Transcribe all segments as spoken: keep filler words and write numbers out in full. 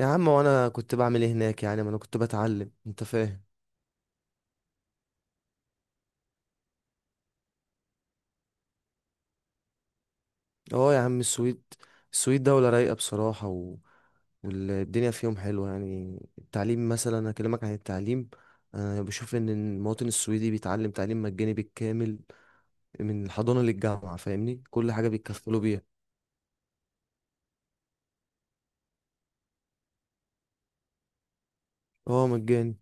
يا عم، وانا كنت بعمل ايه هناك؟ يعني ما انا كنت بتعلم، انت فاهم. اه يا عم، السويد السويد دولة رايقة بصراحة، و... والدنيا فيهم حلوة. يعني التعليم مثلا، اكلمك عن التعليم. انا بشوف ان المواطن السويدي بيتعلم تعليم مجاني بالكامل من الحضانة للجامعة، فاهمني؟ كل حاجة بيتكفلوا بيها. اه مجاني.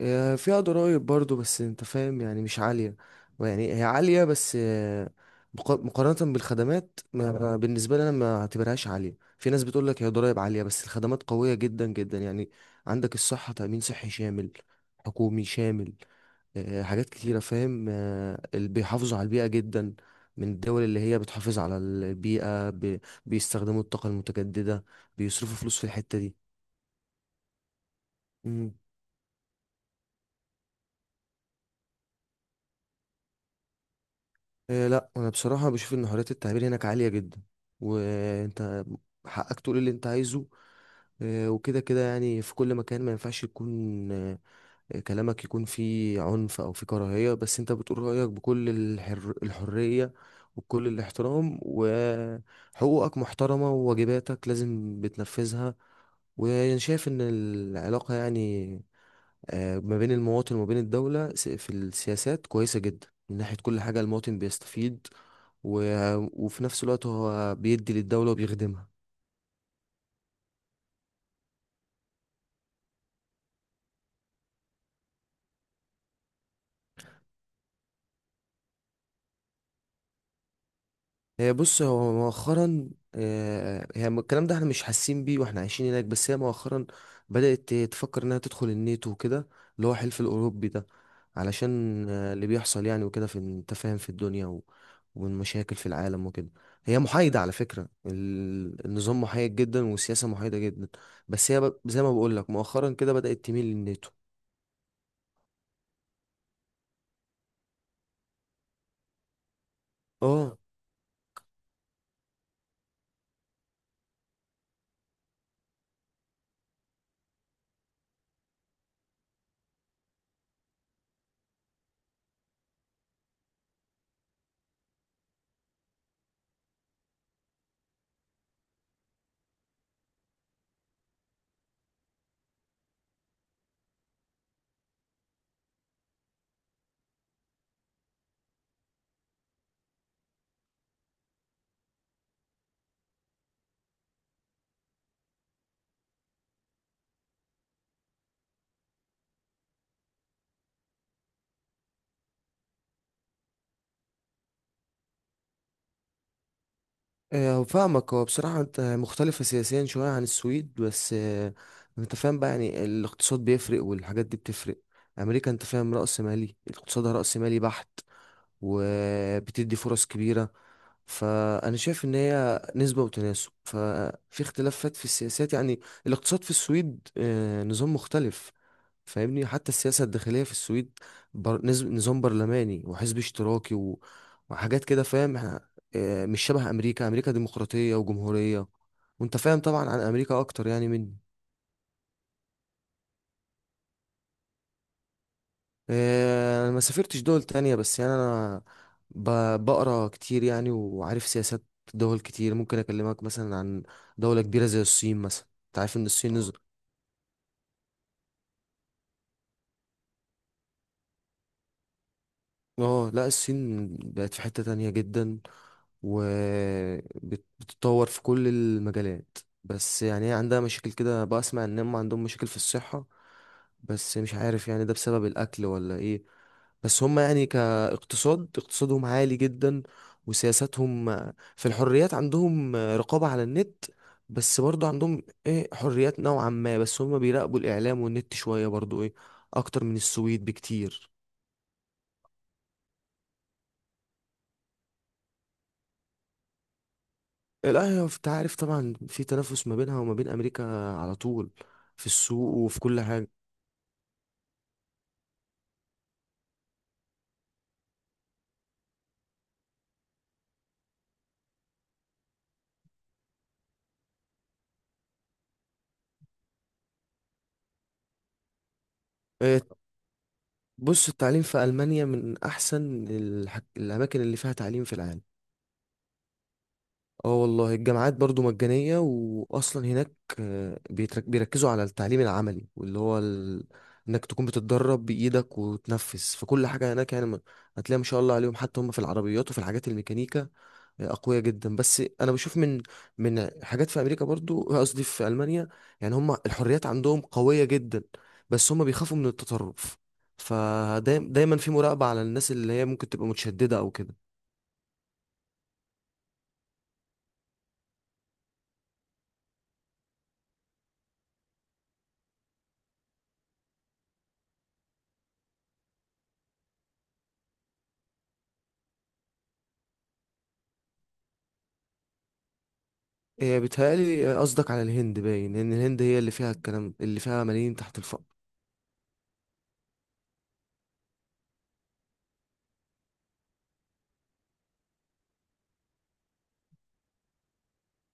آه، فيها ضرائب برضو، بس انت فاهم، يعني مش عالية. يعني هي عالية بس آه، مقا- مقارنة بالخدمات. ما بالنسبة لي انا ما اعتبرهاش عالية. في ناس بتقول لك هي ضرائب عالية، بس الخدمات قوية جدا جدا يعني. عندك الصحة، تأمين صحي شامل حكومي شامل. آه، حاجات كتيرة، فاهم؟ آه، اللي بيحافظوا على البيئة جدا، من الدول اللي هي بتحافظ على البيئة. ب- بيستخدموا الطاقة المتجددة، بيصرفوا فلوس في الحتة دي. إيه، لا انا بصراحه بشوف ان حريه التعبير هناك عاليه جدا، وانت حقك تقول اللي انت عايزه. إيه، وكده كده يعني في كل مكان ما ينفعش يكون آه، كلامك يكون فيه عنف او فيه كراهيه، بس انت بتقول رايك بكل الحر الحريه وبكل الاحترام، وحقوقك محترمه وواجباتك لازم بتنفذها. وانا شايف ان العلاقه يعني آه، ما بين المواطن وما بين الدوله، س- في السياسات كويسه جدا. من ناحيه كل حاجه المواطن بيستفيد، و... وفي نفس الوقت هو بيدي للدولة وبيخدمها. هي بص، هو مؤخرا آه، هي م- الكلام ده احنا مش حاسين بيه واحنا عايشين هناك، بس هي مؤخرا بدأت تفكر انها تدخل الناتو وكده، اللي هو الحلف الأوروبي ده. علشان آه، اللي بيحصل يعني وكده، في انت فاهم في الدنيا و... والمشاكل في العالم وكده. هي محايدة على فكرة، ال- النظام محايد جدا والسياسة محايدة جدا، بس هي ب... زي ما بقول لك مؤخرا كده بدأت تميل للناتو. اه. آه، فاهمك. هو بصراحة انت مختلفة سياسيا شوية عن السويد، بس آه، انت فاهم بقى، يعني الاقتصاد بيفرق والحاجات دي بتفرق. امريكا انت فاهم رأس مالي، اقتصادها رأس مالي بحت، وبتدي فرص كبيرة. فانا شايف ان هي نسبة وتناسب، ففي اختلافات في السياسات يعني. الاقتصاد في السويد آه، نظام مختلف، فاهمني؟ حتى السياسة الداخلية في السويد، بر... نز- نظام برلماني وحزب اشتراكي و... وحاجات كده، فاهم؟ احنا اه، مش شبه أمريكا. أمريكا ديمقراطية وجمهورية، وانت فاهم طبعا عن أمريكا أكتر يعني مني. اه، أنا ما سافرتش دول تانية بس يعني أنا ب... بقرا كتير يعني، وعارف سياسات دول كتير. ممكن أكلمك مثلا عن دولة كبيرة زي الصين مثلا. انت عارف ان الصين نز- اه لا، الصين بقت في حتة تانية جدا وبتتطور في كل المجالات. بس يعني هي عندها مشاكل كده، بسمع ان هم عندهم مشاكل في الصحة، بس مش عارف يعني ده بسبب الاكل ولا ايه. بس هم يعني كاقتصاد، اقتصادهم عالي جدا. وسياساتهم في الحريات، عندهم رقابة على النت، بس برضو عندهم ايه حريات نوعا ما، بس هم بيراقبوا الاعلام والنت شوية برضو، ايه اكتر من السويد بكتير. لا هي انت عارف طبعا في تنافس ما بينها وما بين امريكا على طول، في السوق وفي كل حاجه. آه، بص، التعليم في المانيا من احسن الحك... الاماكن اللي فيها تعليم في العالم. اه والله، الجامعات برضو مجانيه واصلا هناك. آه، بيترك... بيركزوا على التعليم العملي، واللي هو ال... انك تكون بتتدرب بايدك وتنفذ، فكل حاجه هناك يعني م- هتلاقي ما شاء الله عليهم. حتى هم في العربيات وفي الحاجات الميكانيكا اقوياء جدا. بس انا بشوف من من حاجات في امريكا برضو، قصدي في المانيا، يعني هم الحريات عندهم قويه جدا، بس هم بيخافوا من التطرف، فدايما في مراقبه على الناس اللي هي ممكن تبقى متشدده او كده. إيه، بيتهيألي قصدك على الهند. باين ان الهند هي اللي فيها الكلام، اللي فيها ملايين تحت الفقر.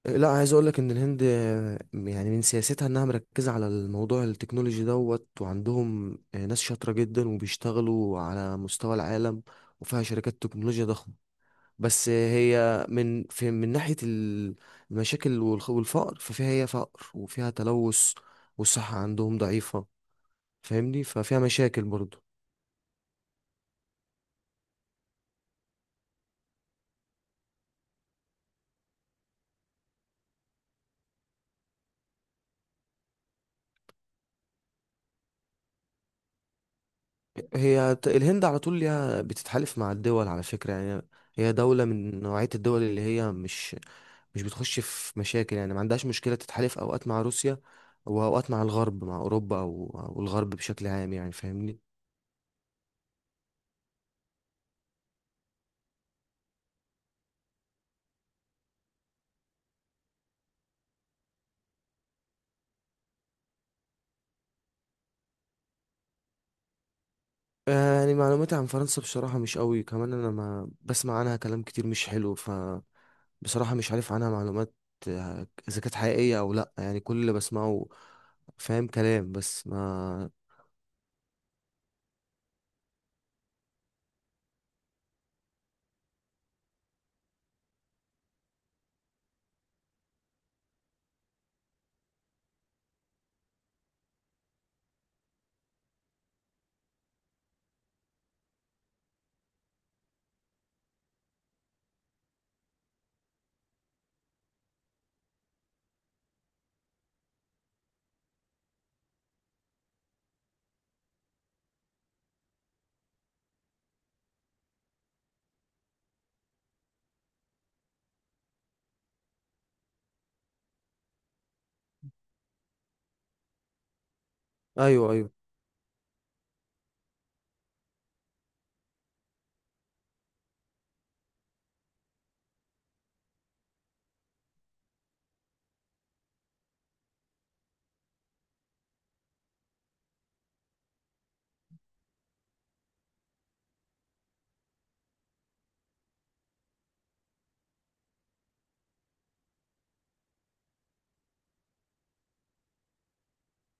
إيه، لا عايز اقول لك ان الهند آه، يعني من سياستها انها مركزه على الموضوع التكنولوجي دوت، وعندهم آه، ناس شاطره جدا وبيشتغلوا على مستوى العالم، وفيها شركات تكنولوجيا ضخمه. بس هي من في من ناحية ال- المشاكل والخ- والفقر، ففيها هي فقر وفيها تلوث، والصحة عندهم ضعيفة. فاهمني؟ ففيها مشاكل برضو. هي ت- الهند على طول ليها بتتحالف مع الدول على فكرة يعني. هي دولة من نوعية الدول اللي هي مش مش بتخش في مشاكل، يعني ما عندهاش مشكلة تتحالف أوقات مع روسيا وأوقات مع الغرب، مع أوروبا أو أو الغرب بشكل عام يعني، فاهمني؟ آه، يعني معلوماتي عن فرنسا بصراحة مش قوي كمان. أنا ما بسمع عنها كلام كتير مش حلو بصراحة، مش عارف عنها معلومات آه، إذا كانت حقيقية أو لأ. يعني كل اللي بسمعه فاهم كلام بس ما. أيوه، أيوه.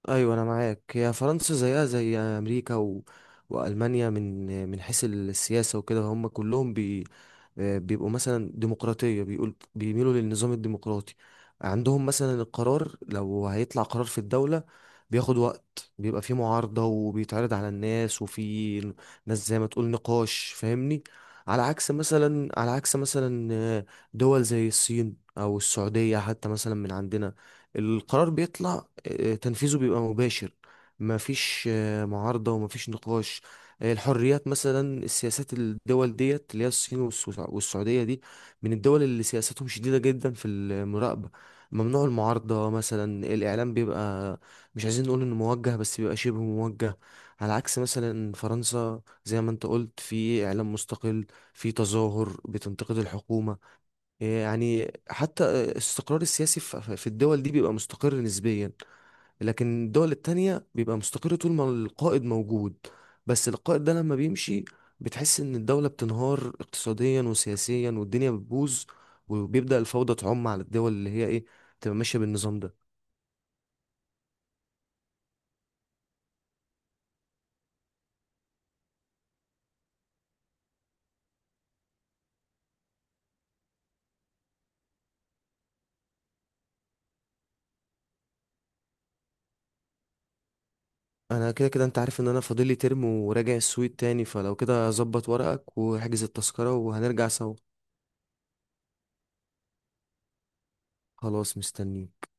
أيوه أنا معاك. هي فرنسا زيها زي أمريكا و... وألمانيا، من من حيث السياسة وكده هم كلهم آه، بيبقوا مثلا ديمقراطية، بيقول بيميلوا للنظام الديمقراطي. عندهم مثلا القرار لو هيطلع قرار في الدولة، بياخد وقت، بيبقى فيه معارضة وبيتعرض على الناس، وفي ناس زي ما تقول نقاش، فاهمني؟ على عكس مثلا، على عكس مثلا آه، دول زي الصين أو السعودية حتى مثلا من عندنا، القرار بيطلع آه، تنفيذه بيبقى مباشر. مفيش آه، معارضة ومفيش نقاش. الحريات مثلا، السياسات، الدول ديت اللي هي الصين والسو- والسعودية دي، من الدول اللي سياستهم شديدة جدا في المراقبة. ممنوع المعارضة مثلا، الإعلام بيبقى مش عايزين نقول إنه موجه، بس بيبقى شبه موجه. على عكس مثلا فرنسا زي ما أنت قلت، في إعلام مستقل، في تظاهر بتنتقد الحكومة. يعني حتى الاستقرار السياسي في في الدول دي بيبقى مستقر نسبيا، لكن الدول التانية بيبقى مستقر طول ما القائد موجود. بس القائد ده لما بيمشي، بتحس ان الدولة بتنهار اقتصاديا وسياسيا، والدنيا بتبوظ، وبيبدأ الفوضى تعم على الدول اللي هي ايه، تبقى ماشية بالنظام ده. انا كده كده انت عارف ان انا فاضلي ترم وراجع السويد تاني، فلو كده ظبط ورقك واحجز التذكرة وهنرجع سوا. خلاص، مستنيك.